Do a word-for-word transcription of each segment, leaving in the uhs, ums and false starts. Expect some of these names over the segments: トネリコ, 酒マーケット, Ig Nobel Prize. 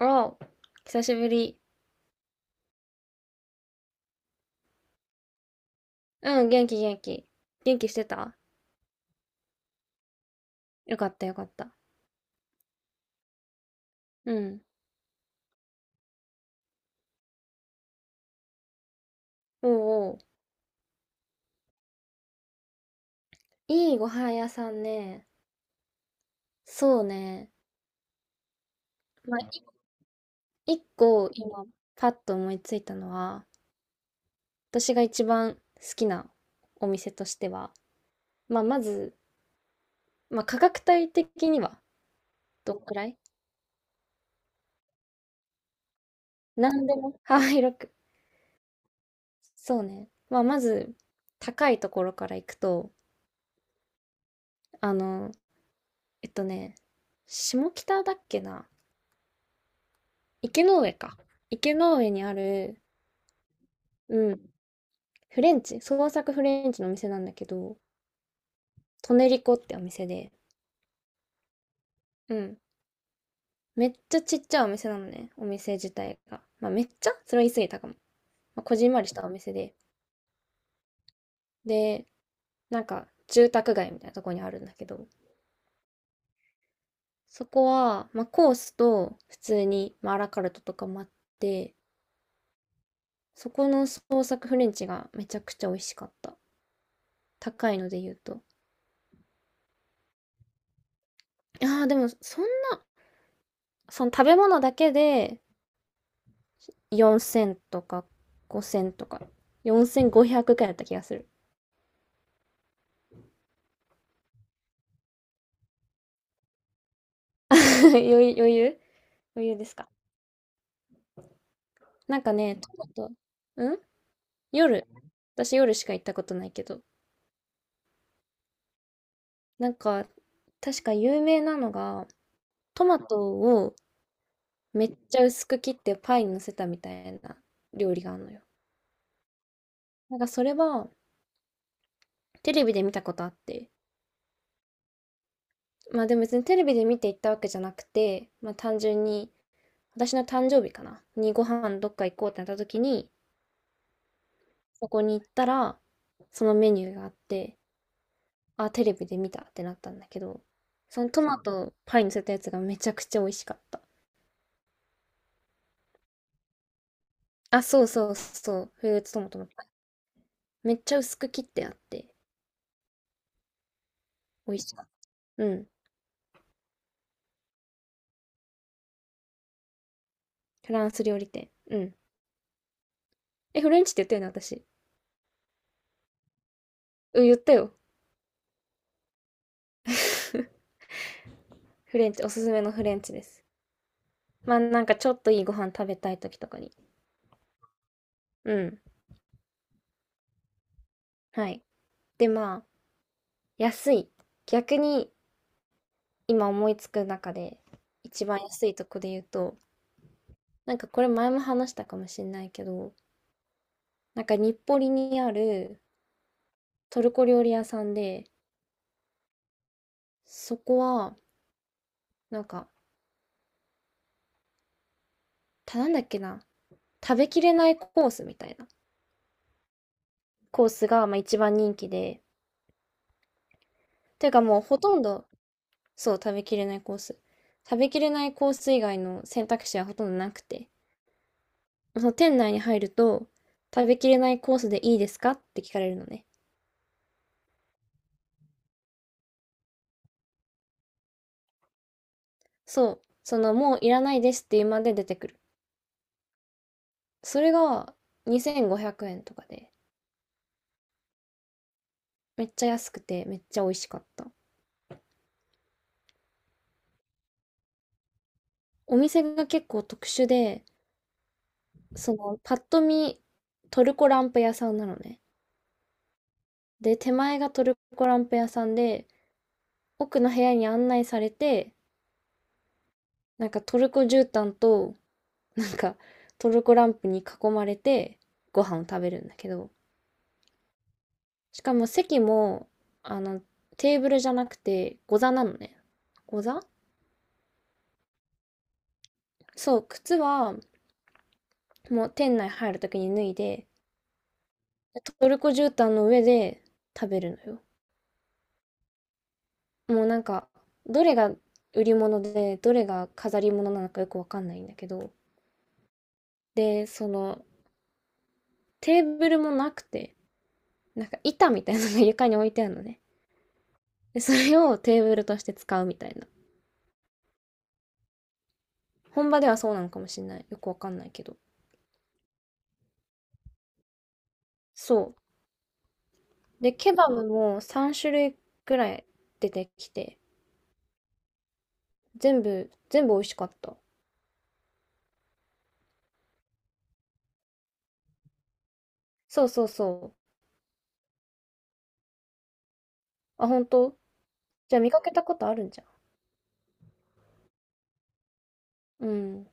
おう、久しぶり。うん、元気元気。元気してた？よかったよかった。うん。おうおう。いいご飯屋さんね。そうね。まあ、い一個今、パッと思いついたのは、私が一番好きなお店としては、まあ、まず、まあ、価格帯的には、どんくらい？何でも幅広く。そうね。まあ、まず、高いところから行くと、あの、えっとね、下北だっけな？池の上か。池の上にある、うん、フレンチ、創作フレンチのお店なんだけど、トネリコってお店で、うん、めっちゃちっちゃいお店なのね、お店自体が。まあめっちゃそれは言い過ぎたかも。まあ、こじんまりしたお店で。で、なんか住宅街みたいなとこにあるんだけど、そこは、まあコースと普通に、まあ、アラカルトとかもあって、そこの創作フレンチがめちゃくちゃ美味しかった。高いので言うと。ああ、でもそんその食べ物だけでよんせんとかごせんとか、よんせんごひゃくくくらいだった気がする。余裕余裕余裕ですか？なんかね、トマト、ん夜。私夜しか行ったことないけど。なんか、確か有名なのが、トマトをめっちゃ薄く切ってパイに乗せたみたいな料理があるのよ。なんかそれはテレビで見たことあって。まあでも別にテレビで見て行ったわけじゃなくて、まあ単純に、私の誕生日かなにご飯どっか行こうってなった時に、そこに行ったら、そのメニューがあって、あ、テレビで見たってなったんだけど、そのトマトパイにのせたやつがめちゃくちゃ美味しかった。あ、そうそうそう、フルーツトマトのパイ。めっちゃ薄く切ってあって、美味しかった。うん。フランス料理店。うん。え、フレンチって言ったよね、私。うん、言ったよ。フレンチ、おすすめのフレンチです。まあ、なんかちょっといいご飯食べたい時とかに。うん。はい。で、まあ、安い。逆に今思いつく中で、一番安いとこで言うと、なんかこれ前も話したかもしれないけど、なんか日暮里にあるトルコ料理屋さんで、そこは、なんか、たなんだっけな、食べきれないコースみたいなコースがまあ一番人気で、ていうかもうほとんど、そう、食べきれないコース。食べきれないコース以外の選択肢はほとんどなくて、その店内に入ると、食べきれないコースでいいですかって聞かれるのね。そう、そのもういらないですっていうまで出てくる。それがにせんごひゃくえんとかで。めっちゃ安くて、めっちゃ美味しかった。お店が結構特殊で、その、パッと見、トルコランプ屋さんなのね。で、手前がトルコランプ屋さんで、奥の部屋に案内されて、なんかトルコ絨毯と、なんかトルコランプに囲まれて、ご飯を食べるんだけど、しかも席も、あの、テーブルじゃなくて、ご座なのね。ご座？そう、靴は、もう店内入るときに脱いで、トルコ絨毯の上で食べるのよ。もうなんか、どれが売り物で、どれが飾り物なのかよくわかんないんだけど、で、その、テーブルもなくて、なんか板みたいなのが床に置いてあるのね。で、それをテーブルとして使うみたいな。本場ではそうなのかもしれない。よくわかんないけど。そう。で、ケバブもさん種類くらい出てきて、全部、全部美味しかった。そうそうそう。あ、本当？じゃあ見かけたことあるんじゃん。うん。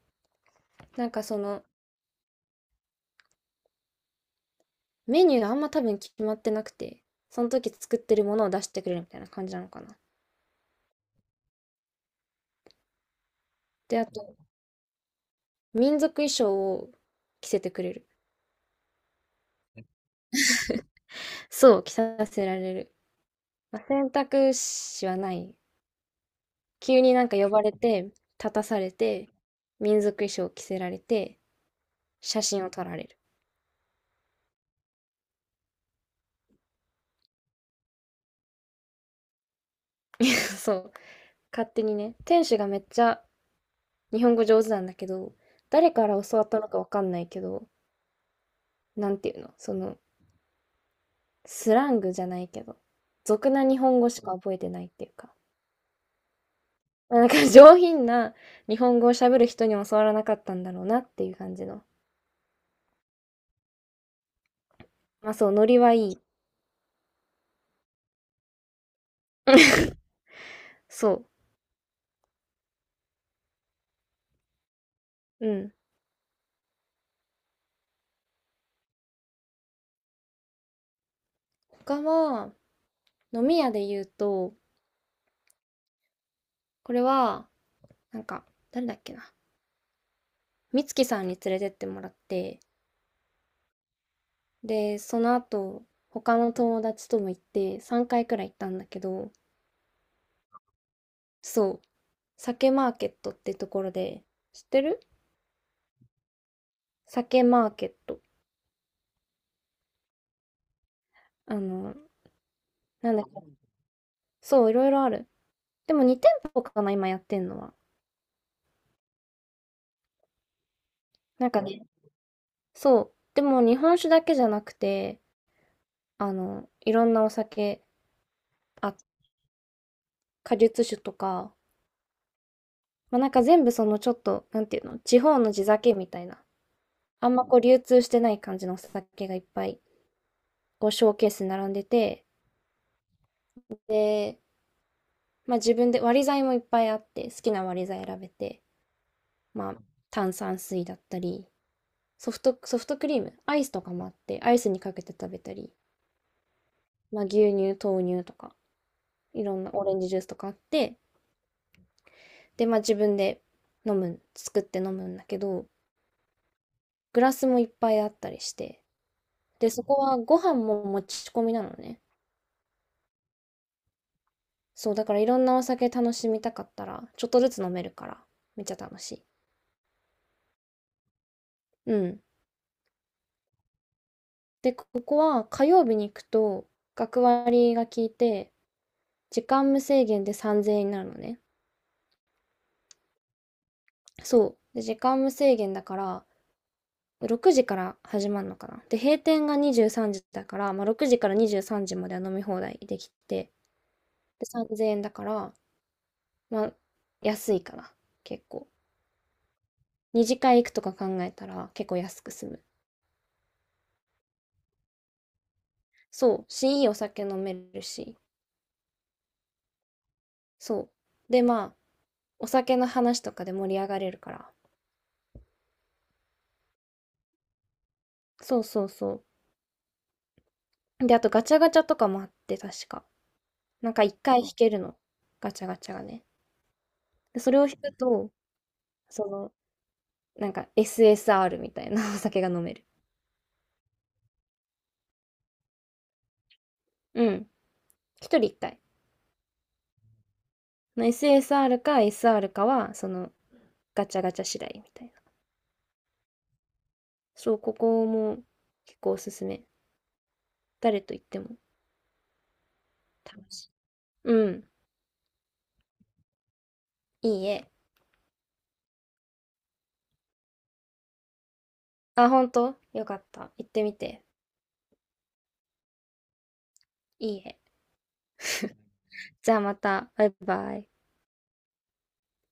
なんかその、メニューあんま多分決まってなくて、その時作ってるものを出してくれるみたいな感じなのかな。で、あと、民族衣装を着せてくれる。そう、着させられる。まあ、選択肢はない。急になんか呼ばれて、立たされて、民族衣装を着せられて、写真を撮られる。そう。勝手にね、店主がめっちゃ日本語上手なんだけど、誰から教わったのかわかんないけど、なんていうの、その、スラングじゃないけど、俗な日本語しか覚えてないっていうか、まあなんか上品な日本語を喋る人にも教わらなかったんだろうなっていう感じの。まあそう、ノリはいい。そう。うん。他は、飲み屋で言うと、これは、なんか、誰だっけな。美月さんに連れてってもらって、で、その後、他の友達とも行ってさんかいくらい行ったんだけど、そう、酒マーケットってところで、知ってる？酒マーケット。あの、なんだっそう、いろいろある。でもに店舗かな、今やってんのは。なんかね、そう。でも日本酒だけじゃなくて、あの、いろんなお酒、あ、果実酒とか、まあ、なんか全部そのちょっと、なんていうの、地方の地酒みたいな、あんまこう流通してない感じのお酒がいっぱい、こうショーケースに並んでて、で、まあ自分で割り剤もいっぱいあって、好きな割り剤選べて、まあ炭酸水だったり、ソフト、ソフトクリーム、アイスとかもあって、アイスにかけて食べたり、まあ、牛乳、豆乳とか、いろんなオレンジジュースとかあって、で、まあ、自分で飲む、作って飲むんだけど、グラスもいっぱいあったりして、で、そこはご飯も持ち込みなのね。そう、だからいろんなお酒楽しみたかったら、ちょっとずつ飲めるから、めっちゃ楽しい。うん。で、ここは火曜日に行くと、学割が効いて、時間無制限でさんぜんえんになるのね。そう。で、時間無制限だから、ろくじから始まるのかな。で、閉店がにじゅうさんじだから、まあ、ろくじからにじゅうさんじまでは飲み放題できて、で、さんぜんえんだから、まあ、安いかな、結構。二次会行くとか考えたら結構安く済む。そう、し、いいお酒飲めるし、そう。で、まあ、お酒の話とかで盛り上がれるから。そうそうそう。で、あとガチャガチャとかもあって、確か。なんか一回引けるの。ガチャガチャがね。で、それを引くと、その、なんか エスエスアール みたいなお酒が飲める。うん。一人一回。の エスエスアール か エスアール かは、そのガチャガチャ次第みたいな。そう、ここも結構おすすめ。誰と行っても楽しい。うん。いいえ。あ、ほんとよかった。行ってみて。いいえ。じゃあまた。バイバイ。